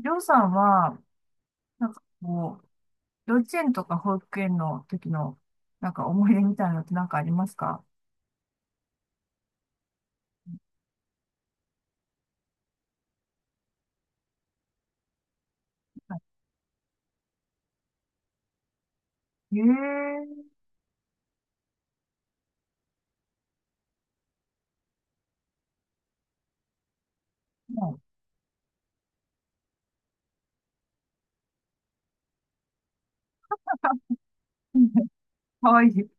りょうさんは、なんかこ幼稚園とか保育園の時の、なんか思い出みたいなのってなんかありますか？ええー、もう かわいい。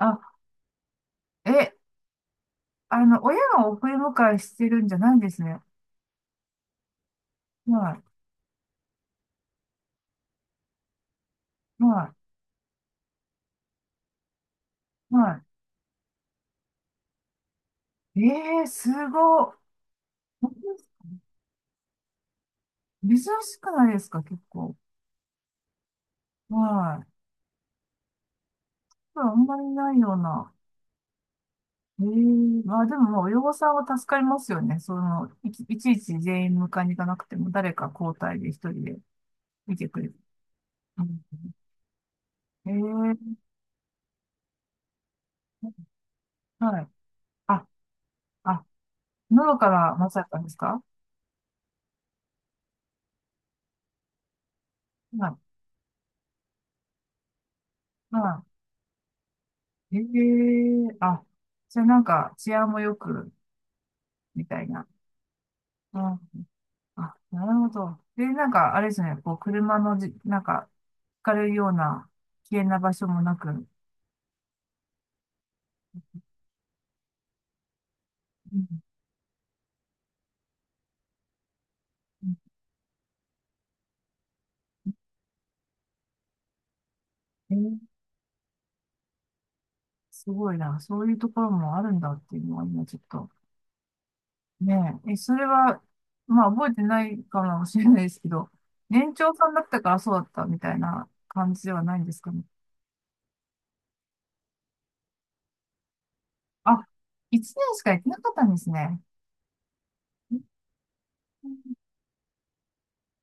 あ、え、あの、親が送り迎えしてるんじゃないんですね。はい、はい、はい。ええー、すごっ。珍しくないですか、結構？はい。これあんまりないような。ええ、まあでも、親御さんは助かりますよね。その、いちいち全員迎えに行かなくても、誰か交代で一人で見てくれる。うん、ええ、はい。あ、あ、のどかなまさかですか？はい。はい。ええ、あ、じゃあなんか治安も良く、みたいな。うん。あ、なるほど。で、なんか、あれですね、こう、車のじ、なんか、ひかれるような危険な場所もなく。うん。うん、すごいな。そういうところもあるんだっていうのは今ちょっと。ねえ。え、それは、まあ覚えてないかもしれないですけど、年長さんだったからそうだったみたいな感じではないんですかね。あ、1年しかやってなかったんですね。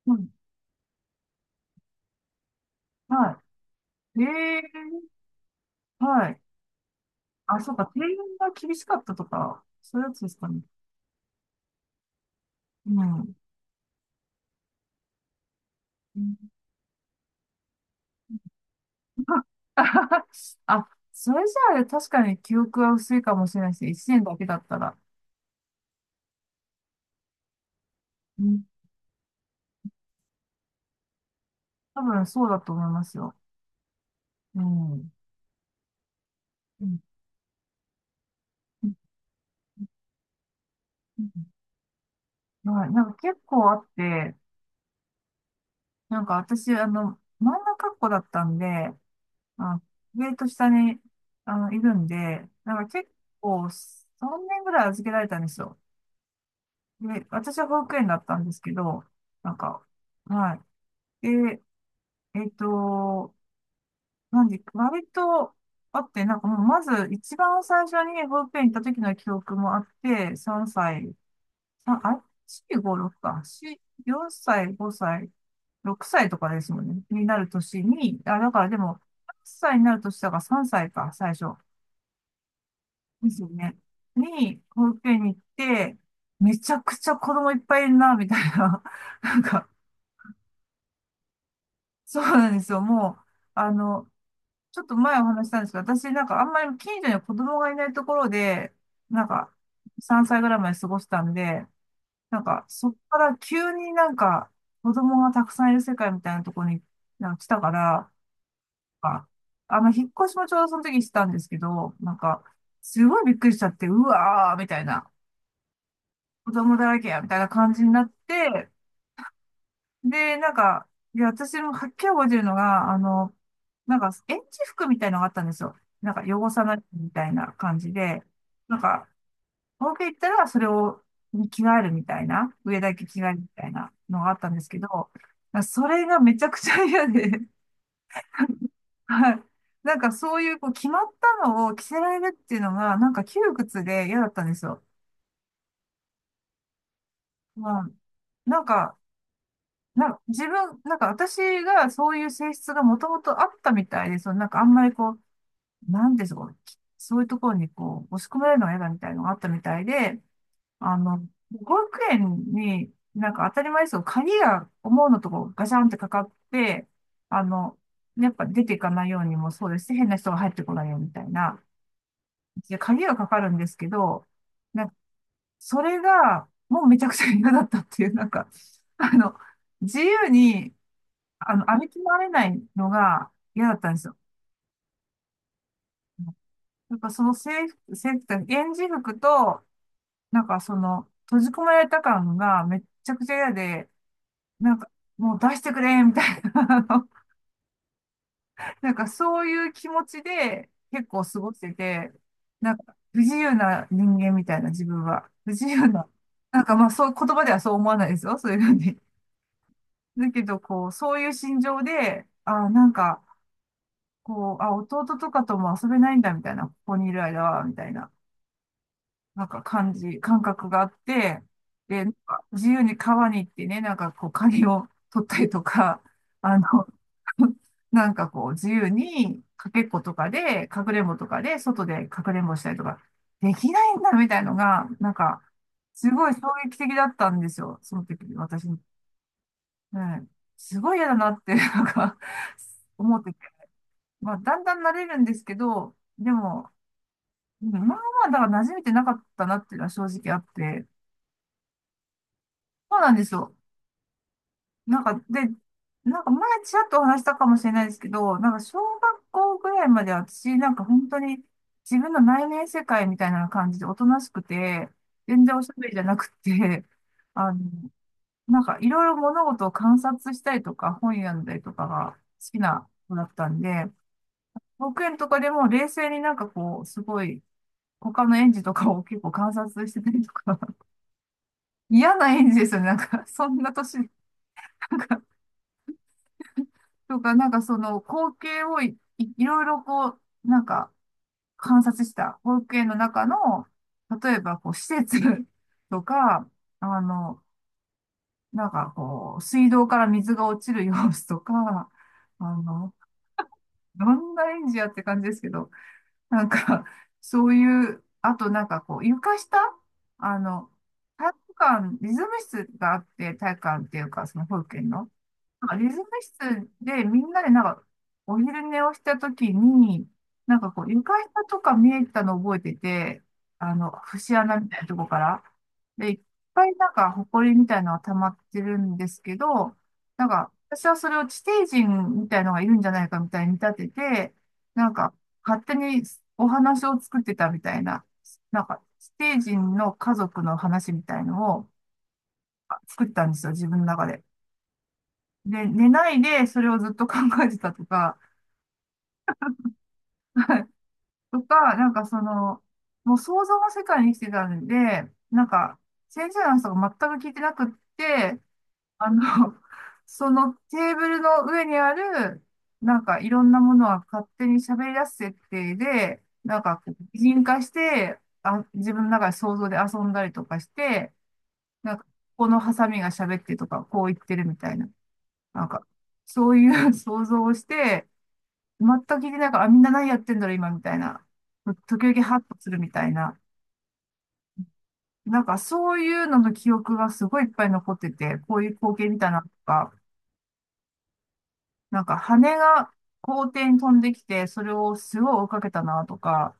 うん、はい。ええ、はい。あ、そうか。定員が厳しかったとか、そういうやつですかね。うん。うん、 あ、それじゃあ確かに記憶は薄いかもしれないですね。1年だけだったら。多分そうだと思いますよ。うん。うん、うん、うん、はい。なんか結構あって、私、あの、真ん中っ子だったんで、あ、上と下に、あの、いるんで、なんか結構3年ぐらい預けられたんですよ。で、私は保育園だったんですけど、なんか、はい。で、えっと、なんで、割とあって、なんかもうまず一番最初に保育園行った時の記憶もあって、3歳、あ、あれ？ 456 か。4、4歳、5歳、6歳とかですもんね。になる年に、あ、だからでも、8歳になる年だから3歳か、最初。ですよね。に、保育園に行って、めちゃくちゃ子供いっぱいいるな、みたいな。なんか、そうなんですよ。もう、あの、ちょっと前お話ししたんですけど、私なんかあんまり近所に子供がいないところで、なんか、3歳ぐらいまで過ごしたんで、なんか、そっから急に子供がたくさんいる世界みたいなところになんか来たから、あ、あの、引っ越しもちょうどその時にしたんですけど、なんか、すごいびっくりしちゃって、うわーみたいな、子供だらけや、みたいな感じになって、で、なんか、で、私もはっきり覚えてるのが、あの、なんか、園児服みたいのがあったんですよ。なんか、汚さないみたいな感じで、なんか、東京行ったらそれを着替えるみたいな、上だけ着替えるみたいなのがあったんですけど、それがめちゃくちゃ嫌で、はい。なんかそういうこう決まったのを着せられるっていうのが、なんか窮屈で嫌だったんですよ。まあ、なんか、自分、なんか私がそういう性質がもともとあったみたいで、そのなんかあんまりこう、なんでしょう、そういうところにこう、押し込められるのが嫌だみたいなのがあったみたいで、あの、保育園に、なんか当たり前ですよ鍵が思うのとこガシャンってかかって、あの、やっぱ出ていかないようにもそうですし、変な人が入ってこないようにみたいな。で、鍵がかかるんですけど、なんか、それが、もうめちゃくちゃ嫌だったっていう、なんか、あの、自由に、あの、歩き回れないのが嫌だったんですよ。やっぱその制服って、園児服と、なんかその、閉じ込められた感がめっちゃくちゃ嫌で、なんか、もう出してくれ、みたいな、あの、なんかそういう気持ちで結構過ごしてて、なんか不自由な人間みたいな自分は。不自由な。なんかまあそう、言葉ではそう思わないですよ、そういうふうに。だけど、こう、そういう心情で、あ、なんか、こう、あ、弟とかとも遊べないんだ、みたいな、ここにいる間は、みたいな。感覚があって、で、なんか自由に川に行ってね、なんかこう、カニを取ったりとか、あの、なんかこう、自由にかけっことかで、かくれんぼとかで、外でかくれんぼしたりとか、できないんだみたいのが、なんか、すごい衝撃的だったんですよ、その時、私に。うん、すごい嫌だなって、なんか、思ってて。まあ、だんだん慣れるんですけど、でも、うん、今まはだから馴染めてなかったなっていうのは正直あって、そうなんですよ。なんか、で、なんか前ちらっとお話したかもしれないですけど、なんか小学校ぐらいまで私、なんか本当に自分の内面世界みたいな感じでおとなしくて、全然おしゃべりじゃなくて、あの、なんかいろいろ物事を観察したりとか、本読んだりとかが好きな子だったんで、保育園とかでも冷静になんかこう、すごい、他の園児とかを結構観察してたりとか、嫌な園児ですよね。なんか、そんな年とか、なんかその光景をいろいろこう、なんか観察した光景の中の、例えばこう施設 とか、あの、なんかこう、水道から水が落ちる様子とか、あの、どんな演じやって感じですけど、なんか、そういう、あとなんかこう、床下、あの、体育館、リズム室があって、体育館っていうか、その保育園の。なんかリズム室でみんなでなんかお昼寝をしたときに、なんかこう床下とか見えたのを覚えてて、あの、節穴みたいなとこから。で、いっぱいなんか埃みたいなのが溜まってるんですけど、なんか私はそれを地底人みたいのがいるんじゃないかみたいに見立てて、なんか勝手にお話を作ってたみたいな、なんか地底人の家族の話みたいのをあ作ったんですよ、自分の中で。で、寝ないでそれをずっと考えてたとか、とか、なんかその、もう想像の世界に生きてたんで、なんか、先生の話とか全く聞いてなくって、あの、そのテーブルの上にある、なんかいろんなものは勝手に喋り出す設定で、なんかこう擬人化して、あ、自分の中で想像で遊んだりとかして、なんか、このハサミが喋ってとか、こう言ってるみたいな、なんか、そういう 想像をして、全く聞いてないから、あみんな何やってんだろう、今、みたいな。時々ハッとするみたいな。なんか、そういうのの記憶がすごいいっぱい残ってて、こういう光景見たなとか、なんか、羽が校庭に飛んできて、それをすごい追いかけたなとか、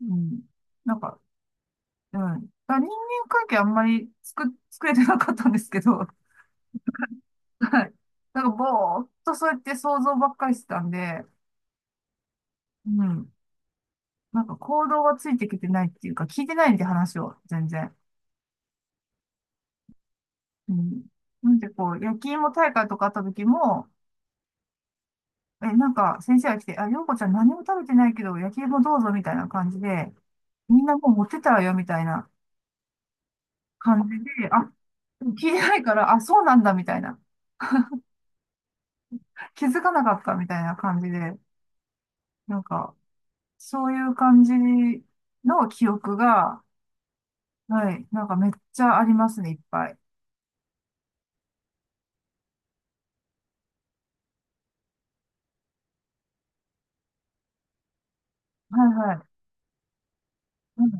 うん。なんか、うん。だから人間関係あんまり作れてなかったんですけど、はい。なんか、ぼーっとそうやって想像ばっかりしてたんで、うん。なんか行動がついてきてないっていうか、聞いてないんで話を、全然。うん。なんでこう、焼き芋大会とかあった時も、え、なんか先生が来て、あ、ようこちゃん何も食べてないけど、焼き芋どうぞみたいな感じで、みんなもう持ってたわよみたいな感じで、あ、聞いてないから、あ、そうなんだみたいな、気づかなかったみたいな感じで、なんか、そういう感じの記憶が、はい、なんかめっちゃありますね、いっぱい。はい、はい。うん、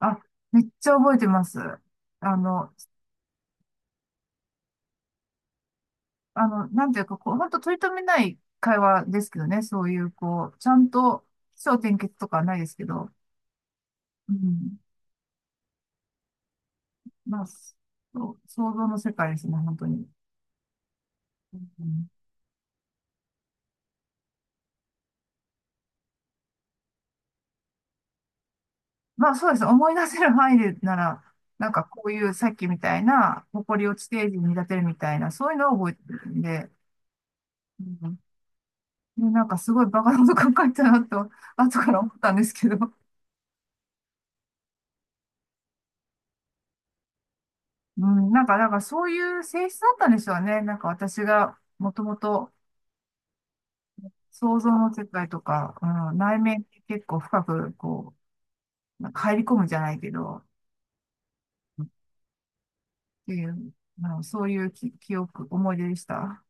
あ、めっちゃ覚えてます。あの、あの、なんていうか、こう、本当取り留めない会話ですけどね、そういう、こう、ちゃんと起承転結とかはないですけど、うん。まあ、そう想像の世界ですね、本当に。うん、まあ、そうです。思い出せる範囲でなら、なんかこういうさっきみたいな、埃を地底人に見立てるみたいな、そういうのを覚えてるんで、うん、で、なんかすごいバカなこと考えたなと、後から思ったんですけど、うん、なんか、なんかそういう性質だったんでしょうね。なんか私がもともと、想像の世界とか、うん、内面に結構深く、こう、なんか入り込むじゃないけど、っていう、あのそういう記憶、思い出でした。